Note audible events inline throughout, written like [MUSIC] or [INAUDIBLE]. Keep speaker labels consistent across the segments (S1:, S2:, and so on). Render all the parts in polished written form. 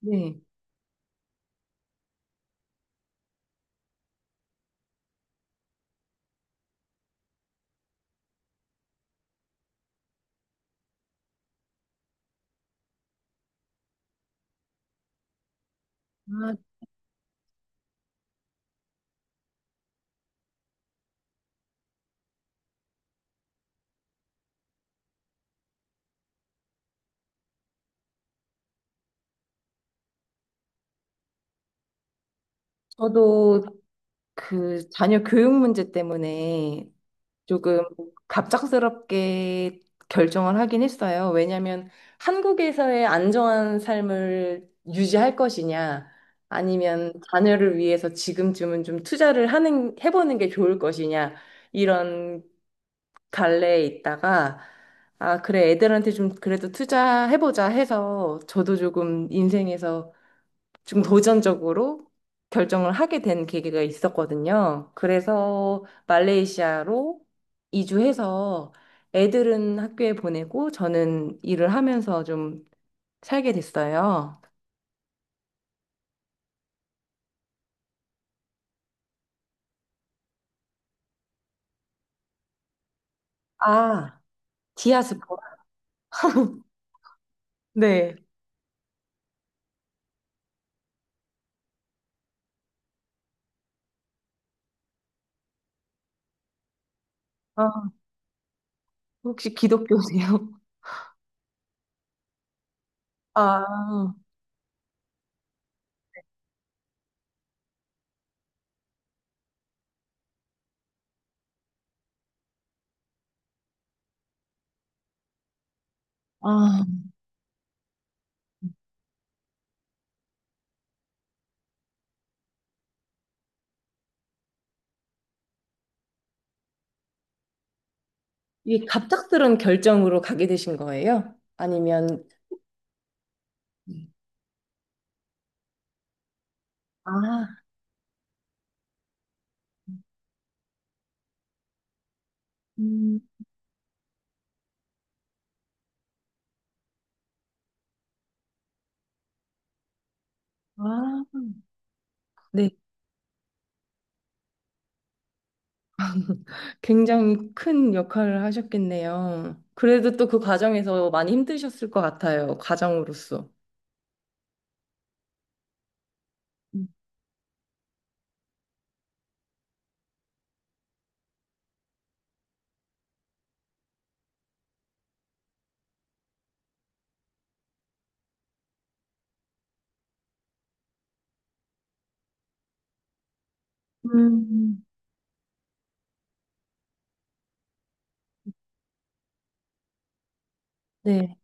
S1: 네. 아, 저도 그 자녀 교육 문제 때문에 조금 갑작스럽게 결정을 하긴 했어요. 왜냐하면 한국에서의 안정한 삶을 유지할 것이냐, 아니면 자녀를 위해서 지금쯤은 좀 투자를 해보는 게 좋을 것이냐, 이런 갈래에 있다가, 아, 그래, 애들한테 좀 그래도 투자해보자 해서 저도 조금 인생에서 좀 도전적으로 결정을 하게 된 계기가 있었거든요. 그래서 말레이시아로 이주해서 애들은 학교에 보내고 저는 일을 하면서 좀 살게 됐어요. 아, 디아스포라. 네. 아, 혹시 기독교세요? [LAUGHS] 아, 아, 이 갑작스런 결정으로 가게 되신 거예요? 아니면. 아, 음, 아, 네. 굉장히 큰 역할을 하셨겠네요. 그래도 또 그 과정에서 많이 힘드셨을 것 같아요. 가정으로서. 음. 네.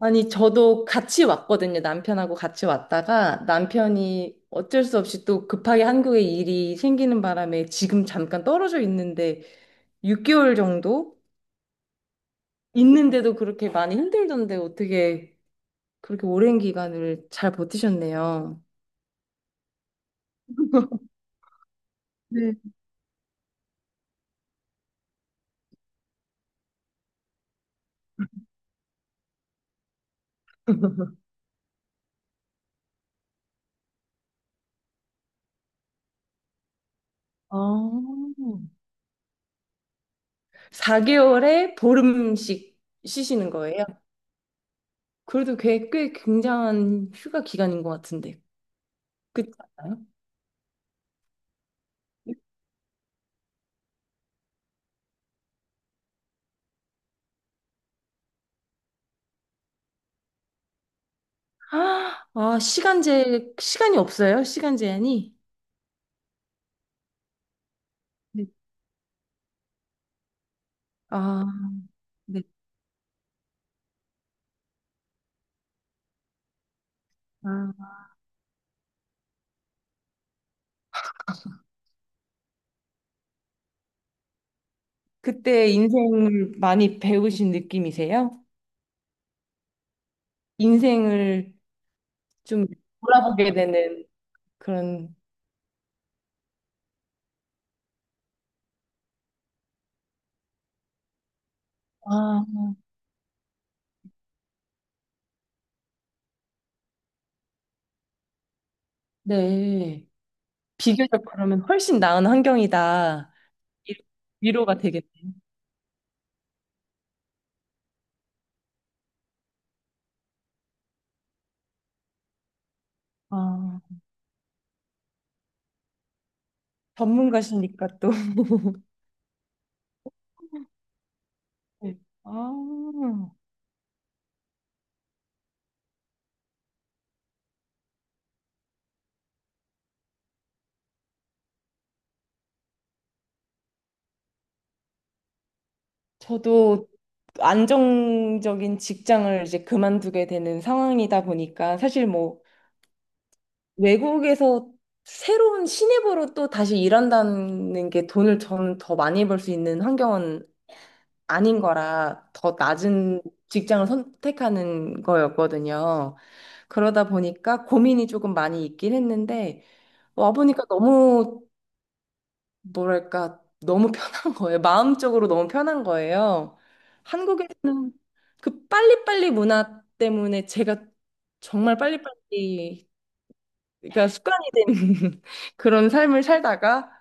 S1: 아니, 저도 같이 왔거든요. 남편하고 같이 왔다가 남편이 어쩔 수 없이 또 급하게 한국에 일이 생기는 바람에 지금 잠깐 떨어져 있는데, 6개월 정도 있는데도 그렇게 많이 힘들던데 어떻게 그렇게 오랜 기간을 잘 버티셨네요. 네. 아. 4개월에 보름씩 쉬시는 거예요? 그래도 꽤, 꽤 굉장한 휴가 기간인 것 같은데. 그렇지 않아요? 아, 아, 시간제, 시간이 없어요? 시간 제한이? 네, 아, 네. 아. 그때 인생을 많이 배우신 느낌이세요? 인생을 좀 돌아보게 되는 그런, 아, 네. 비교적 그러면 훨씬 나은 환경이다. 이- 위로가 되겠네요. 아, 전문가시니까 또. 네. 아, 저도 안정적인 직장을 이제 그만두게 되는 상황이다 보니까 사실 뭐 외국에서 새로운 신입으로 또 다시 일한다는 게 돈을 저는 더 많이 벌 수 있는 환경은 아닌 거라 더 낮은 직장을 선택하는 거였거든요. 그러다 보니까 고민이 조금 많이 있긴 했는데 와보니까 너무 뭐랄까, 너무 편한 [LAUGHS] 거예요. 마음적으로 너무 편한 거예요. 한국에서 그 빨리빨리 문화 때문에 제가 정말 빨리빨리, 그러니까 습관이 된 [LAUGHS] 그런 삶을 살다가,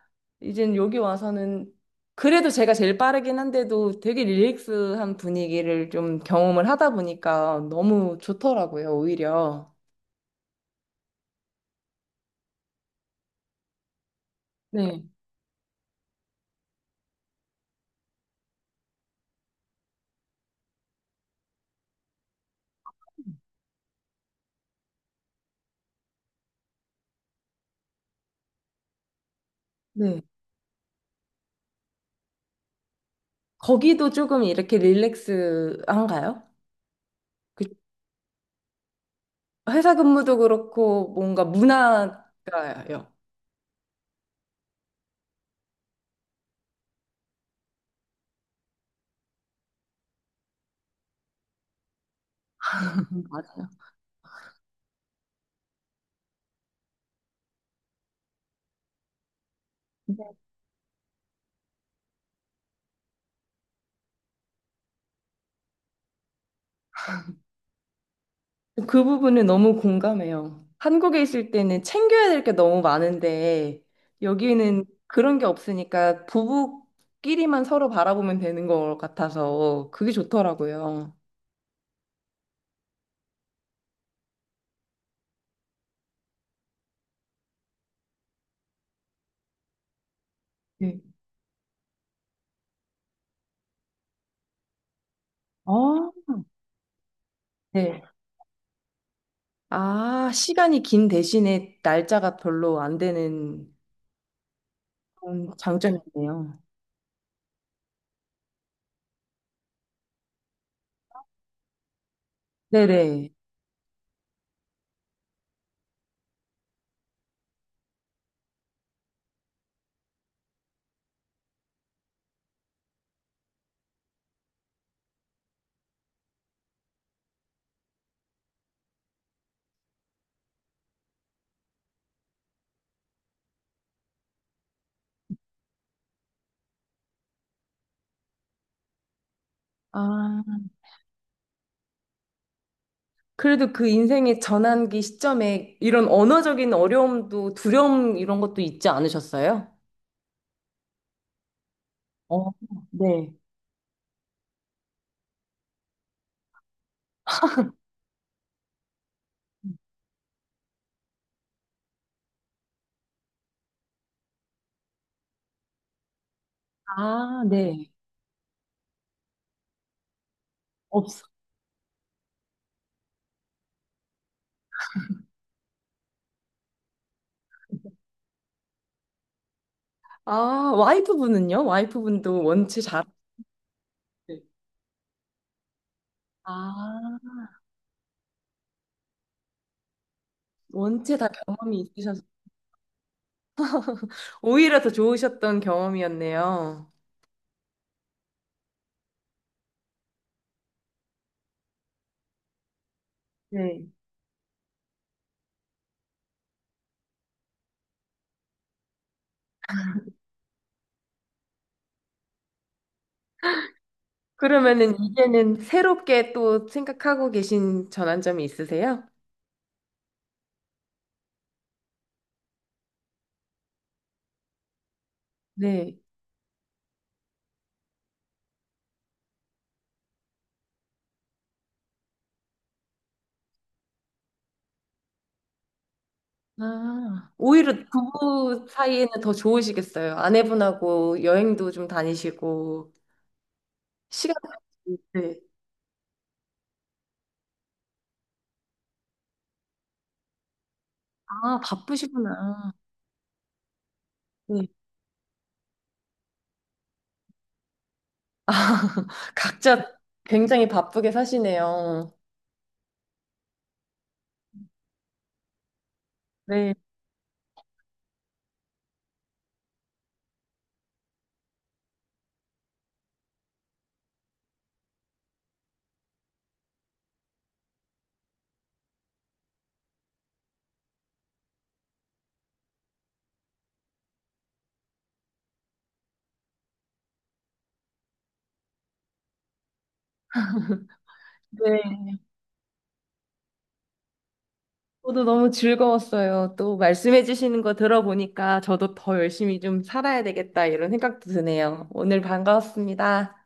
S1: 이젠 여기 와서는 그래도 제가 제일 빠르긴 한데도 되게 릴렉스한 분위기를 좀 경험을 하다 보니까 너무 좋더라고요, 오히려. 네, 네. 거기도 조금 이렇게 릴렉스한가요? 회사 근무도 그렇고 뭔가 문화가요. 맞아요. 그 부분은 너무 공감해요. 한국에 있을 때는 챙겨야 될 게 너무 많은데 여기는 그런 게 없으니까 부부끼리만 서로 바라보면 되는 것 같아서 그게 좋더라고요. 네. 어, 네. 아, 시간이 긴 대신에 날짜가 별로 안 되는 그런 장점이네요. 네네. 아, 그래도 그 인생의 전환기 시점에 이런 언어적인 어려움도 두려움 이런 것도 있지 않으셨어요? 어, 네. 아, 네. 없어. 아, 와이프분은요? 와이프분도 원체 잘, 아, 원체 다 경험이 있으셔서 오히려 더 좋으셨던 경험이었네요. 네. 그러면은 이제는 새롭게 또 생각하고 계신 전환점이 있으세요? 네. 아, 오히려 부부 사이에는 더 좋으시겠어요. 아내분하고 여행도 좀 다니시고, 시간, 네. 아, 바쁘시구나. 네. 아, [LAUGHS] 각자 굉장히 바쁘게 사시네요. 네, 네. 저도 너무 즐거웠어요. 또 말씀해 주시는 거 들어보니까 저도 더 열심히 좀 살아야 되겠다 이런 생각도 드네요. 오늘 반가웠습니다.